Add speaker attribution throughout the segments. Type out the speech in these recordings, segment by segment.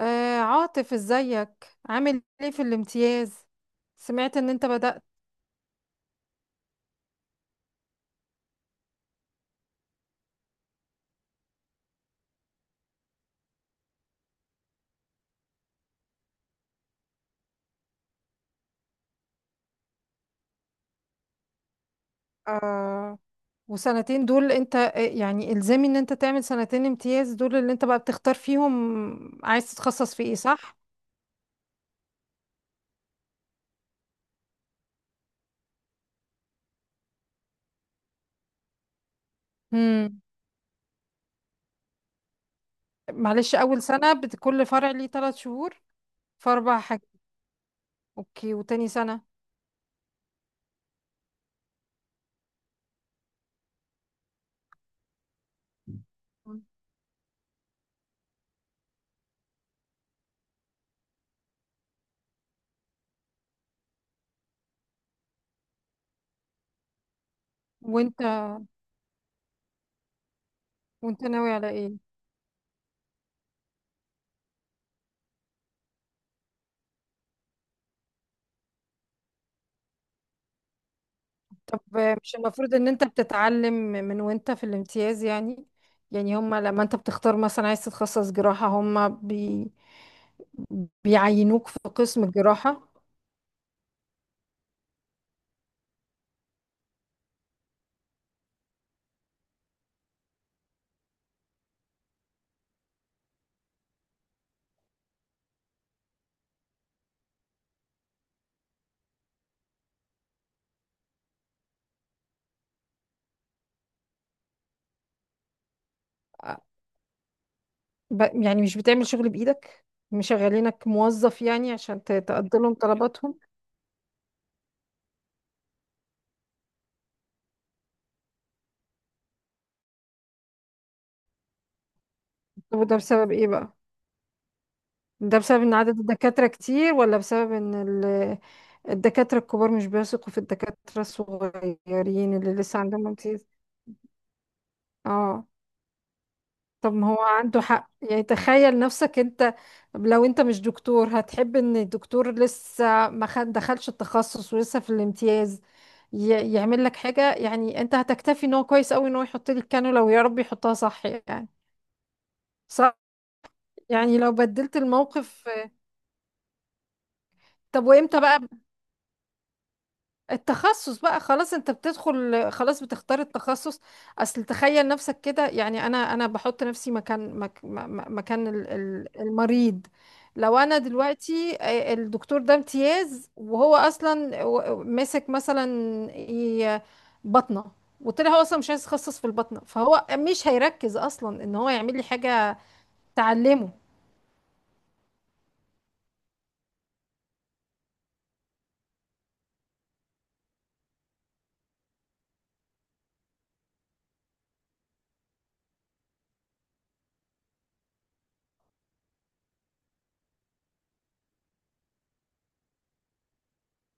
Speaker 1: آه، عاطف، ازيك؟ عامل ايه في الامتياز؟ سمعت ان انت بدأت. آه، وسنتين دول انت يعني الزامي ان انت تعمل سنتين امتياز دول اللي انت بقى بتختار فيهم عايز تتخصص في ايه؟ صح؟ امم. معلش، اول سنة كل فرع ليه 3 شهور، في اربع حاجات؟ اوكي. وتاني سنة؟ وانت وانت ناوي على ايه؟ طب مش المفروض ان انت بتتعلم من وانت في الامتياز؟ يعني هما لما انت بتختار مثلا عايز تتخصص جراحة، هما بيعينوك في قسم الجراحة؟ يعني مش بتعمل شغل بإيدك؟ مشغلينك موظف يعني عشان تقضي لهم طلباتهم؟ طب وده بسبب ايه بقى؟ ده بسبب ان عدد الدكاترة كتير ولا بسبب ان الدكاترة الكبار مش بيثقوا في الدكاترة الصغيرين اللي لسه عندهم امتياز؟ اه. طب ما هو عنده حق يعني. تخيل نفسك انت، لو انت مش دكتور هتحب ان الدكتور لسه ما دخلش التخصص ولسه في الامتياز يعمل لك حاجة؟ يعني انت هتكتفي ان هو كويس قوي ان هو يحط لك الكانولا ويا رب يحطها صح يعني؟ صح. يعني لو بدلت الموقف. طب وامتى بقى التخصص بقى؟ خلاص انت بتدخل، خلاص بتختار التخصص. اصل تخيل نفسك كده. يعني انا بحط نفسي مكان المريض. لو انا دلوقتي الدكتور ده امتياز وهو اصلا ماسك مثلا ي- بطنه، وطلع هو اصلا مش عايز يتخصص في البطنه فهو مش هيركز اصلا ان هو يعمل لي حاجه. تعلمه.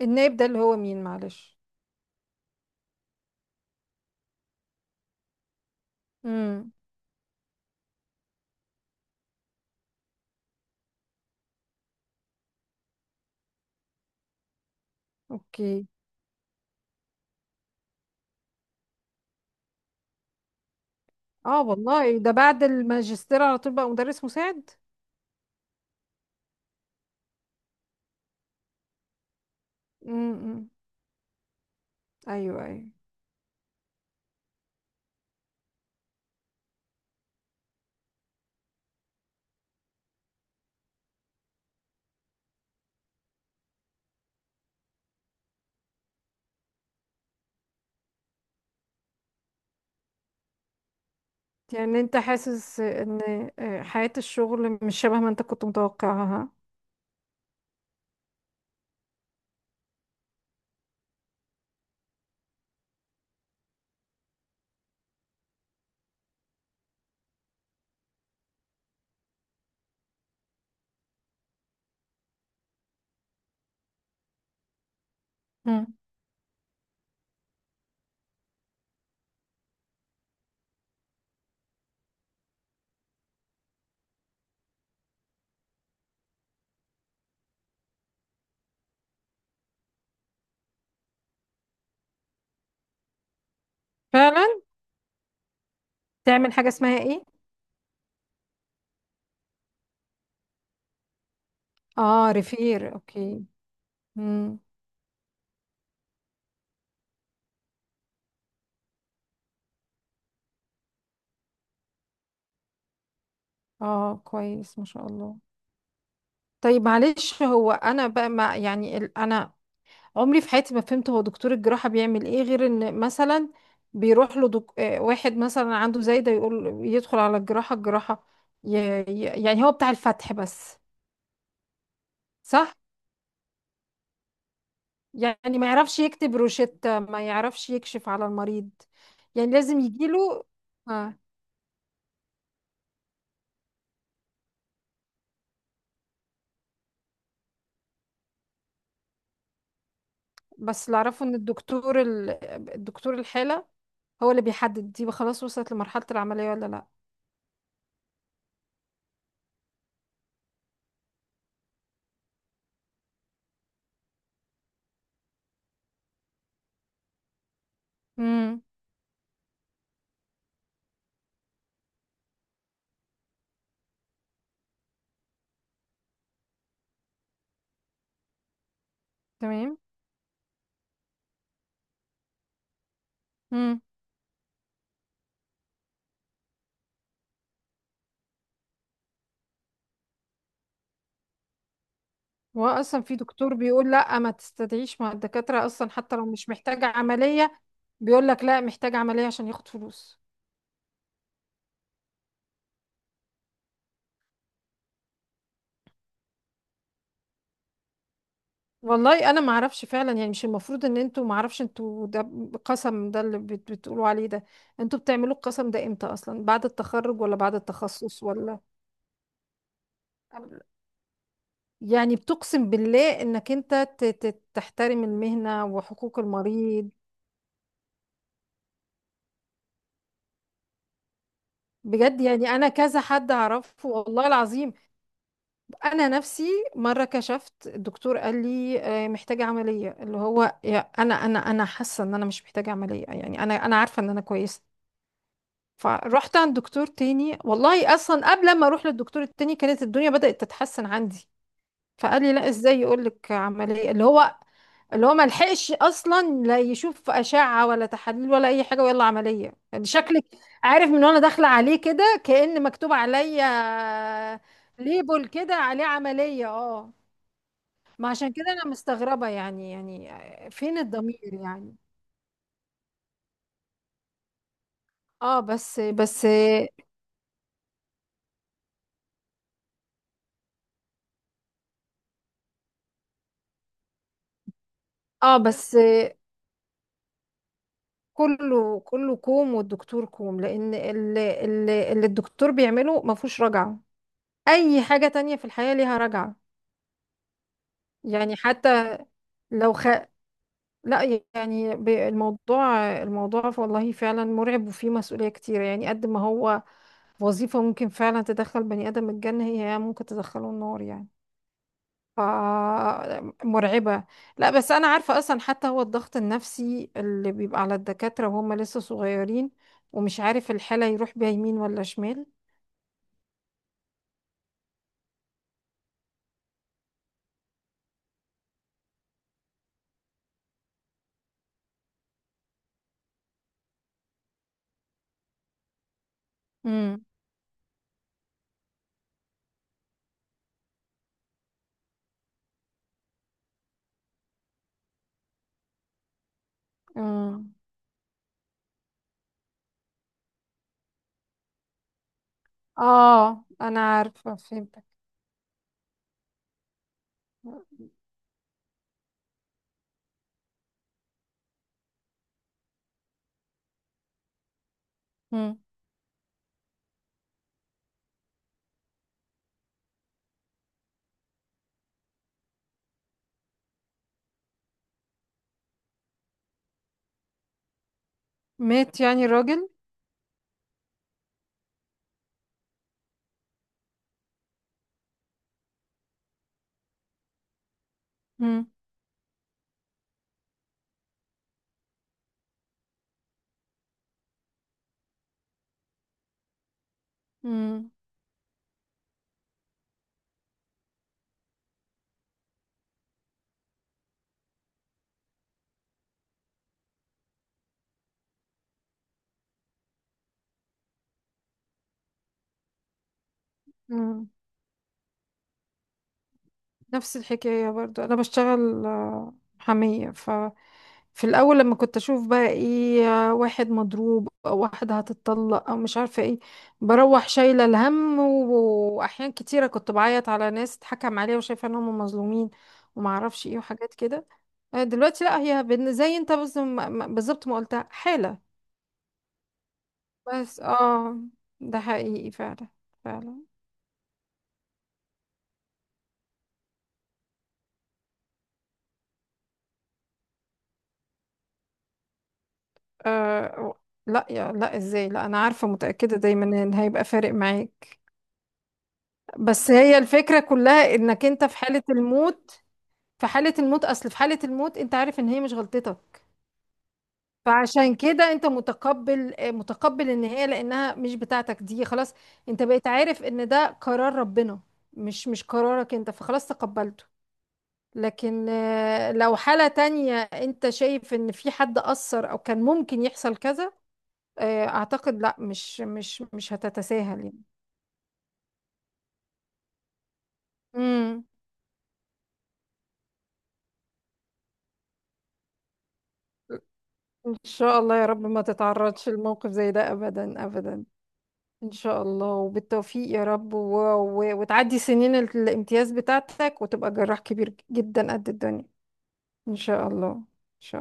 Speaker 1: النائب ده اللي هو مين؟ معلش. امم. اوكي. اه والله، ده بعد الماجستير على طول بقى مدرس مساعد؟ امم. امم. ايوه، ايوه. يعني انت حاسس ان حياة الشغل مش شبه ما انت كنت متوقعها؟ مم. فعلا. تعمل حاجة اسمها ايه؟ اه، ريفير. اوكي. امم. اه، كويس ما شاء الله. طيب معلش، هو انا بقى ما يعني انا عمري في حياتي ما فهمت هو دكتور الجراحة بيعمل ايه غير ان مثلا بيروح له واحد مثلا عنده زي ده يقول يدخل على الجراحة الجراحة، ي... يعني هو بتاع الفتح بس؟ صح. يعني ما يعرفش يكتب روشتة ما يعرفش يكشف على المريض؟ يعني لازم يجيله. آه. بس اللي اعرفه ان الدكتور الدكتور الحالة هو اللي بيحدد دي خلاص وصلت لمرحلة العملية ولا لا. امم. تمام. امم. هو اصلا في دكتور بيقول لا ما تستدعيش مع الدكاترة اصلا حتى لو مش محتاج عملية؟ بيقول لك لا محتاج عملية عشان ياخد فلوس. والله انا ما اعرفش فعلا. يعني مش المفروض ان انتوا، ما اعرفش انتوا ده قسم ده اللي بتقولوا عليه ده؟ انتوا بتعملوا القسم ده امتى اصلا؟ بعد التخرج ولا بعد التخصص ولا قبل؟ يعني بتقسم بالله انك انت تحترم المهنة وحقوق المريض؟ بجد يعني، انا كذا حد اعرفه والله العظيم. انا نفسي مره كشفت، الدكتور قال لي محتاجه عمليه، اللي هو يا انا حاسه ان انا مش محتاجه عمليه يعني، انا عارفه ان انا كويسه. فرحت عند دكتور تاني، والله اصلا قبل ما اروح للدكتور التاني كانت الدنيا بدات تتحسن عندي، فقال لي لا، ازاي يقول لك عمليه؟ اللي هو ما لحقش اصلا لا يشوف اشعه ولا تحاليل ولا اي حاجه ويلا عمليه؟ يعني شكلك عارف، من وانا داخله عليه كده كأن مكتوب عليا ليبل كده عليه عمليه. اه. ما عشان كده انا مستغربة يعني. يعني فين الضمير يعني؟ اه، بس بس، اه بس، كله كله كوم والدكتور كوم، لان اللي الدكتور بيعمله ما فيهوش رجعة. اي حاجة تانية في الحياة ليها رجعة. يعني حتى لو لا، يعني الموضوع، الموضوع والله فعلا مرعب وفيه مسؤولية كتير. يعني قد ما هو وظيفة ممكن فعلا تدخل بني آدم الجنة، هي ممكن تدخله النار يعني. ف، مرعبة. لا بس أنا عارفة أصلا، حتى هو الضغط النفسي اللي بيبقى على الدكاترة وهم لسه صغيرين ومش عارف الحالة يروح بيها يمين ولا شمال. امم. امم. اه أنا عارفة، فهمتك. امم. مات يعني الراجل؟ امم. امم. امم. نفس الحكاية برضو، أنا بشتغل محامية. في الاول لما كنت اشوف بقى ايه واحد مضروب او واحدة هتتطلق او مش عارفة ايه، بروح شايلة الهم واحيان كتيرة كنت بعيط على ناس اتحكم عليها وشايفة ان هم مظلومين، وما اعرفش ايه وحاجات كده. دلوقتي لا، هي زي انت بالظبط ما قلتها، حالة. بس اه، ده حقيقي فعلا. فعلا. آه و- لا يا لا، ازاي؟ لا انا عارفة متأكدة دايما ان هيبقى فارق معاك. بس هي الفكرة كلها انك انت في حالة الموت، في حالة الموت، أصل في حالة الموت أنت عارف إن هي مش غلطتك. فعشان كده أنت متقبل النهاية لأنها مش بتاعتك دي خلاص. أنت بقيت عارف إن ده قرار ربنا، مش قرارك أنت، فخلاص تقبلته. لكن لو حالة تانية أنت شايف إن في حد أثر أو كان ممكن يحصل كذا، أعتقد لا، مش هتتساهل يعني. امم. إن شاء الله يا رب ما تتعرضش لموقف زي ده أبدا أبدا. ان شاء الله، وبالتوفيق يا رب، وتعدي سنين الامتياز بتاعتك وتبقى جراح كبير جدا قد الدنيا. ان شاء الله.